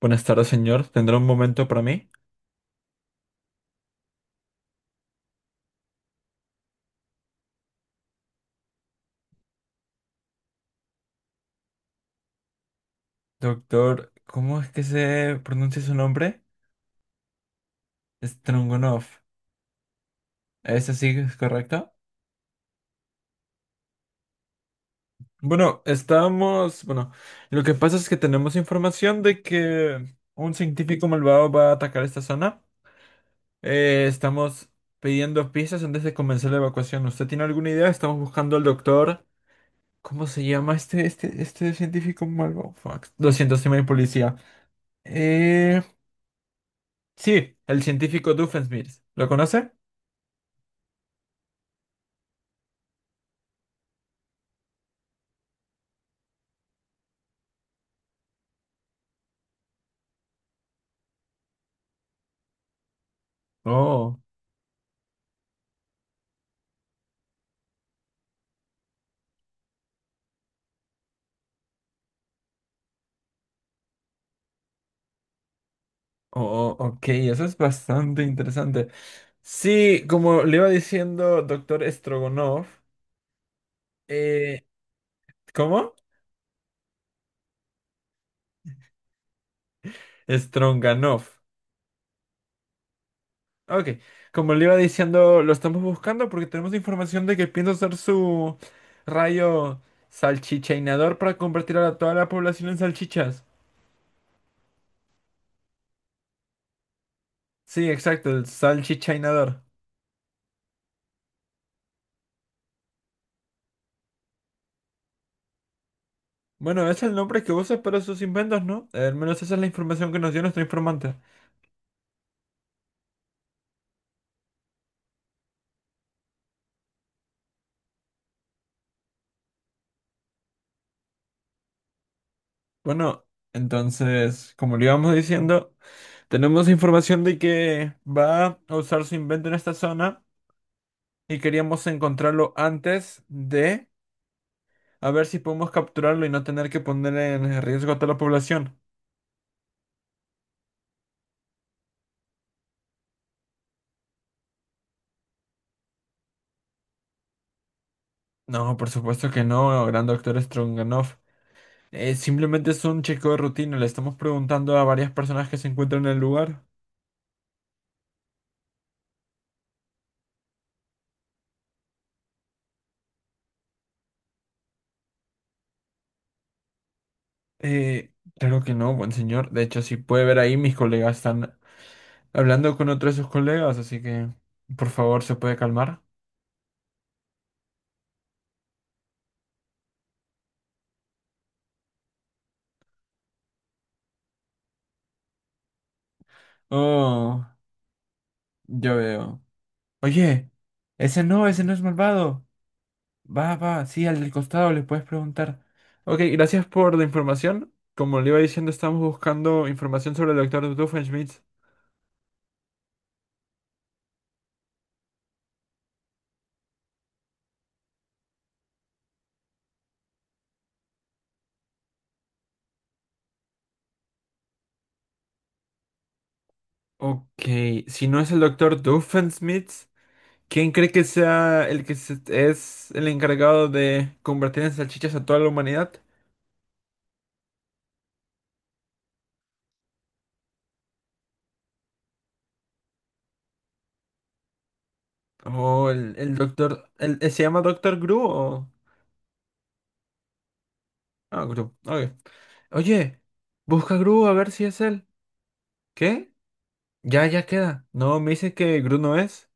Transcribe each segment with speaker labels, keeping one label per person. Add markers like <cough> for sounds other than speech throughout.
Speaker 1: Buenas tardes, señor. ¿Tendrá un momento para mí? Doctor, ¿cómo es que se pronuncia su nombre? Strungunov. ¿Es así, es correcto? Bueno, estamos... Bueno, lo que pasa es que tenemos información de que un científico malvado va a atacar esta zona. Estamos pidiendo piezas antes de comenzar la evacuación. ¿Usted tiene alguna idea? Estamos buscando al doctor... ¿Cómo se llama este científico malvado? Fuck. Lo siento, soy muy policía. Eh... Sí, el científico Doofenshmirtz. ¿Lo conoce? Oh, oh, ok, eso es bastante interesante. Sí, como le iba diciendo doctor Strogonov, eh, ¿cómo? Stronganov. Ok, como le iba diciendo, lo estamos buscando porque tenemos información de que piensa usar su rayo salchichainador para convertir a toda la población en salchichas. Sí, exacto, el salchichainador. Bueno, es el nombre que usa para sus inventos, ¿no? Al menos esa es la información que nos dio nuestro informante. Bueno, entonces, como le íbamos diciendo, tenemos información de que va a usar su invento en esta zona y queríamos encontrarlo antes de a ver si podemos capturarlo y no tener que poner en riesgo a toda la población. No, por supuesto que no, gran doctor Stronganoff. Simplemente es un chequeo de rutina, le estamos preguntando a varias personas que se encuentran en el lugar. Eh, claro que no, buen señor. De hecho, si puede ver ahí, mis colegas están hablando con otros de sus colegas, así que, por favor, ¿se puede calmar? Oh, yo veo. Oye, ese no es malvado. Va, sí, al del costado le puedes preguntar. Ok, gracias por la información. Como le iba diciendo, estamos buscando información sobre el doctor Doofenshmirtz. Ok, si no es el doctor Doofenshmirtz. ¿Quién cree que sea el que es el encargado de convertir en salchichas a toda la humanidad? ¿O el doctor... El, ¿se llama Doctor Gru o...? Ah, Gru. Ok. Oye, busca a Gru a ver si es él. ¿Qué? Ya queda. No, me dice que Gru no es.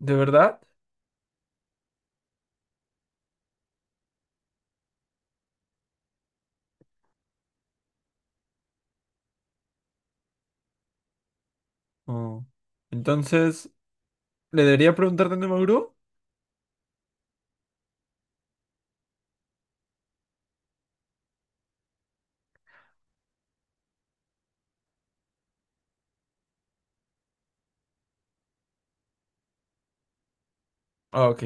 Speaker 1: ¿De verdad? Oh. Entonces, ¿le debería preguntar de nuevo a Gru? Ah, ok.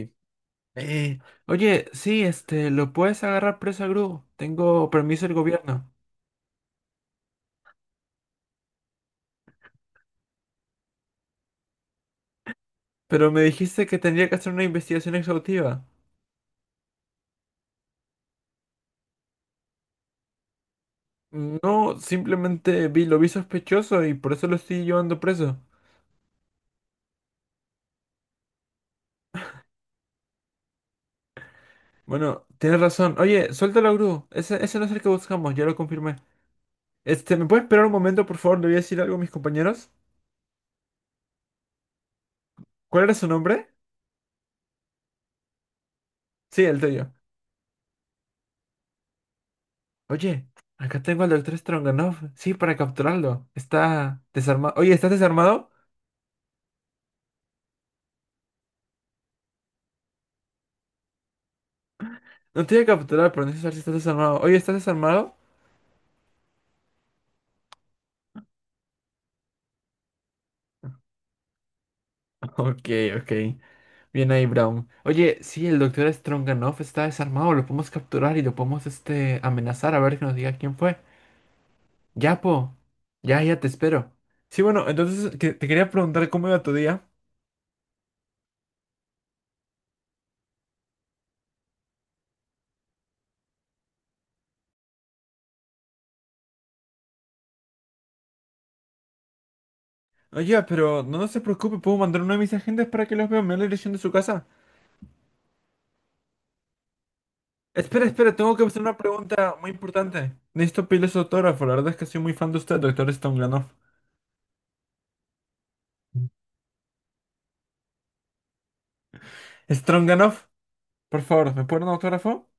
Speaker 1: Eh, Oye, sí, este, lo puedes agarrar preso a Gru. Tengo permiso del gobierno. Pero me dijiste que tendría que hacer una investigación exhaustiva. No, simplemente vi, lo vi sospechoso y por eso lo estoy llevando preso. Bueno, tienes razón. Oye, suéltalo, Gru. Ese no es el que buscamos, ya lo confirmé. Este, ¿me puedes esperar un momento, por favor? Le voy a decir algo a mis compañeros. ¿Cuál era su nombre? Sí, el tuyo. Oye, acá tengo al doctor Stronganov. Sí, para capturarlo. Está desarmado. Oye, ¿estás desarmado? No te voy a capturar, pero necesito saber si estás desarmado. Oye, ¿estás desarmado? <laughs> Ok, ok. Bien ahí, Brown. Oye, sí, el doctor Stronganoff está desarmado. Lo podemos capturar y lo podemos este, amenazar a ver que nos diga quién fue. Ya, po. Ya te espero. Sí, bueno, entonces te quería preguntar cómo iba tu día. Oye, pero no se preocupe, puedo mandar uno de mis agentes para que los vea. Me da la dirección de su casa. Espera, tengo que hacer una pregunta muy importante. Necesito pedirle su autógrafo. La verdad es que soy muy fan de usted, doctor Stronganoff. Stronganoff, por favor, ¿me puede dar un autógrafo?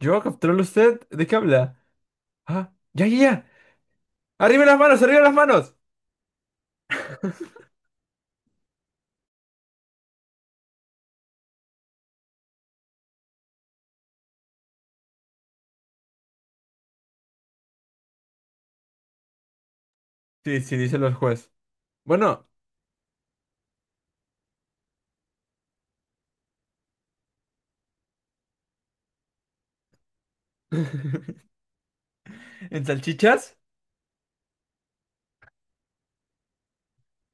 Speaker 1: Yo capturarlo a usted. ¿De qué habla? Ah, ya. ¡Arriba las manos! ¡Arriba las manos! Sí, sí, dice el juez. Bueno, <laughs> ¿en salchichas?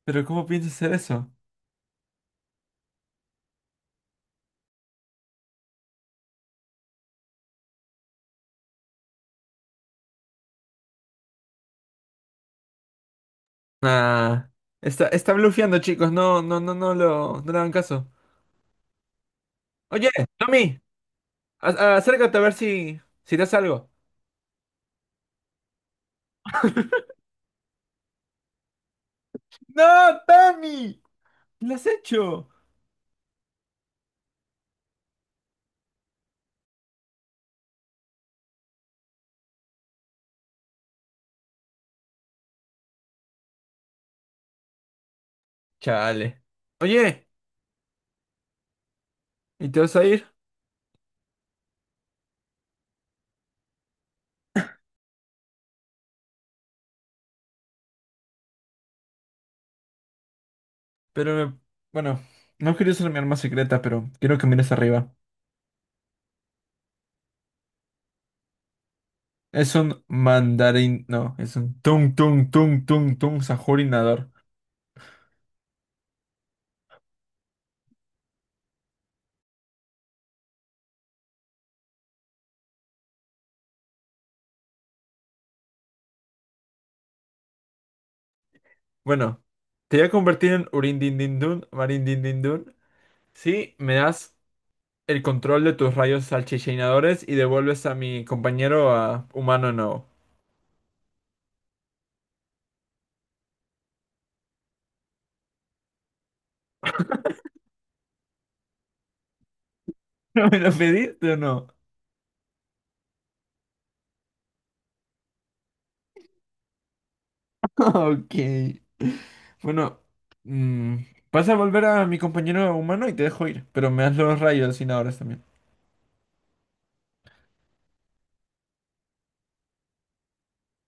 Speaker 1: ¿Pero cómo piensas hacer eso? Ah, está blufeando, chicos. No, no le hagan caso. Oye, Tommy, acércate a ver si, si te hace algo. ¡No, Tommy! ¡Lo has hecho! Chale. Oye, ¿y te vas a ir? Pero me- Bueno, no quería ser mi arma secreta, pero quiero que mires arriba. Es un mandarín. No, es un tung tung tung sajorinador. Bueno, te voy a convertir en Urindindindun, Marindindindun, si me das el control de tus rayos salchichinadores y devuelves a mi compañero a humano no. <laughs> ¿Me lo pediste o no? <laughs> Ok. Bueno, mm, vas a volver a mi compañero humano y te dejo ir, pero me das los rayos hallucinadores también.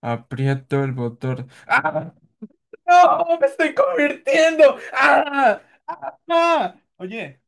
Speaker 1: Aprieto el botón. ¡Ah! ¡No! ¡Me estoy convirtiendo! ¡Ah! ¡Ah! Oye.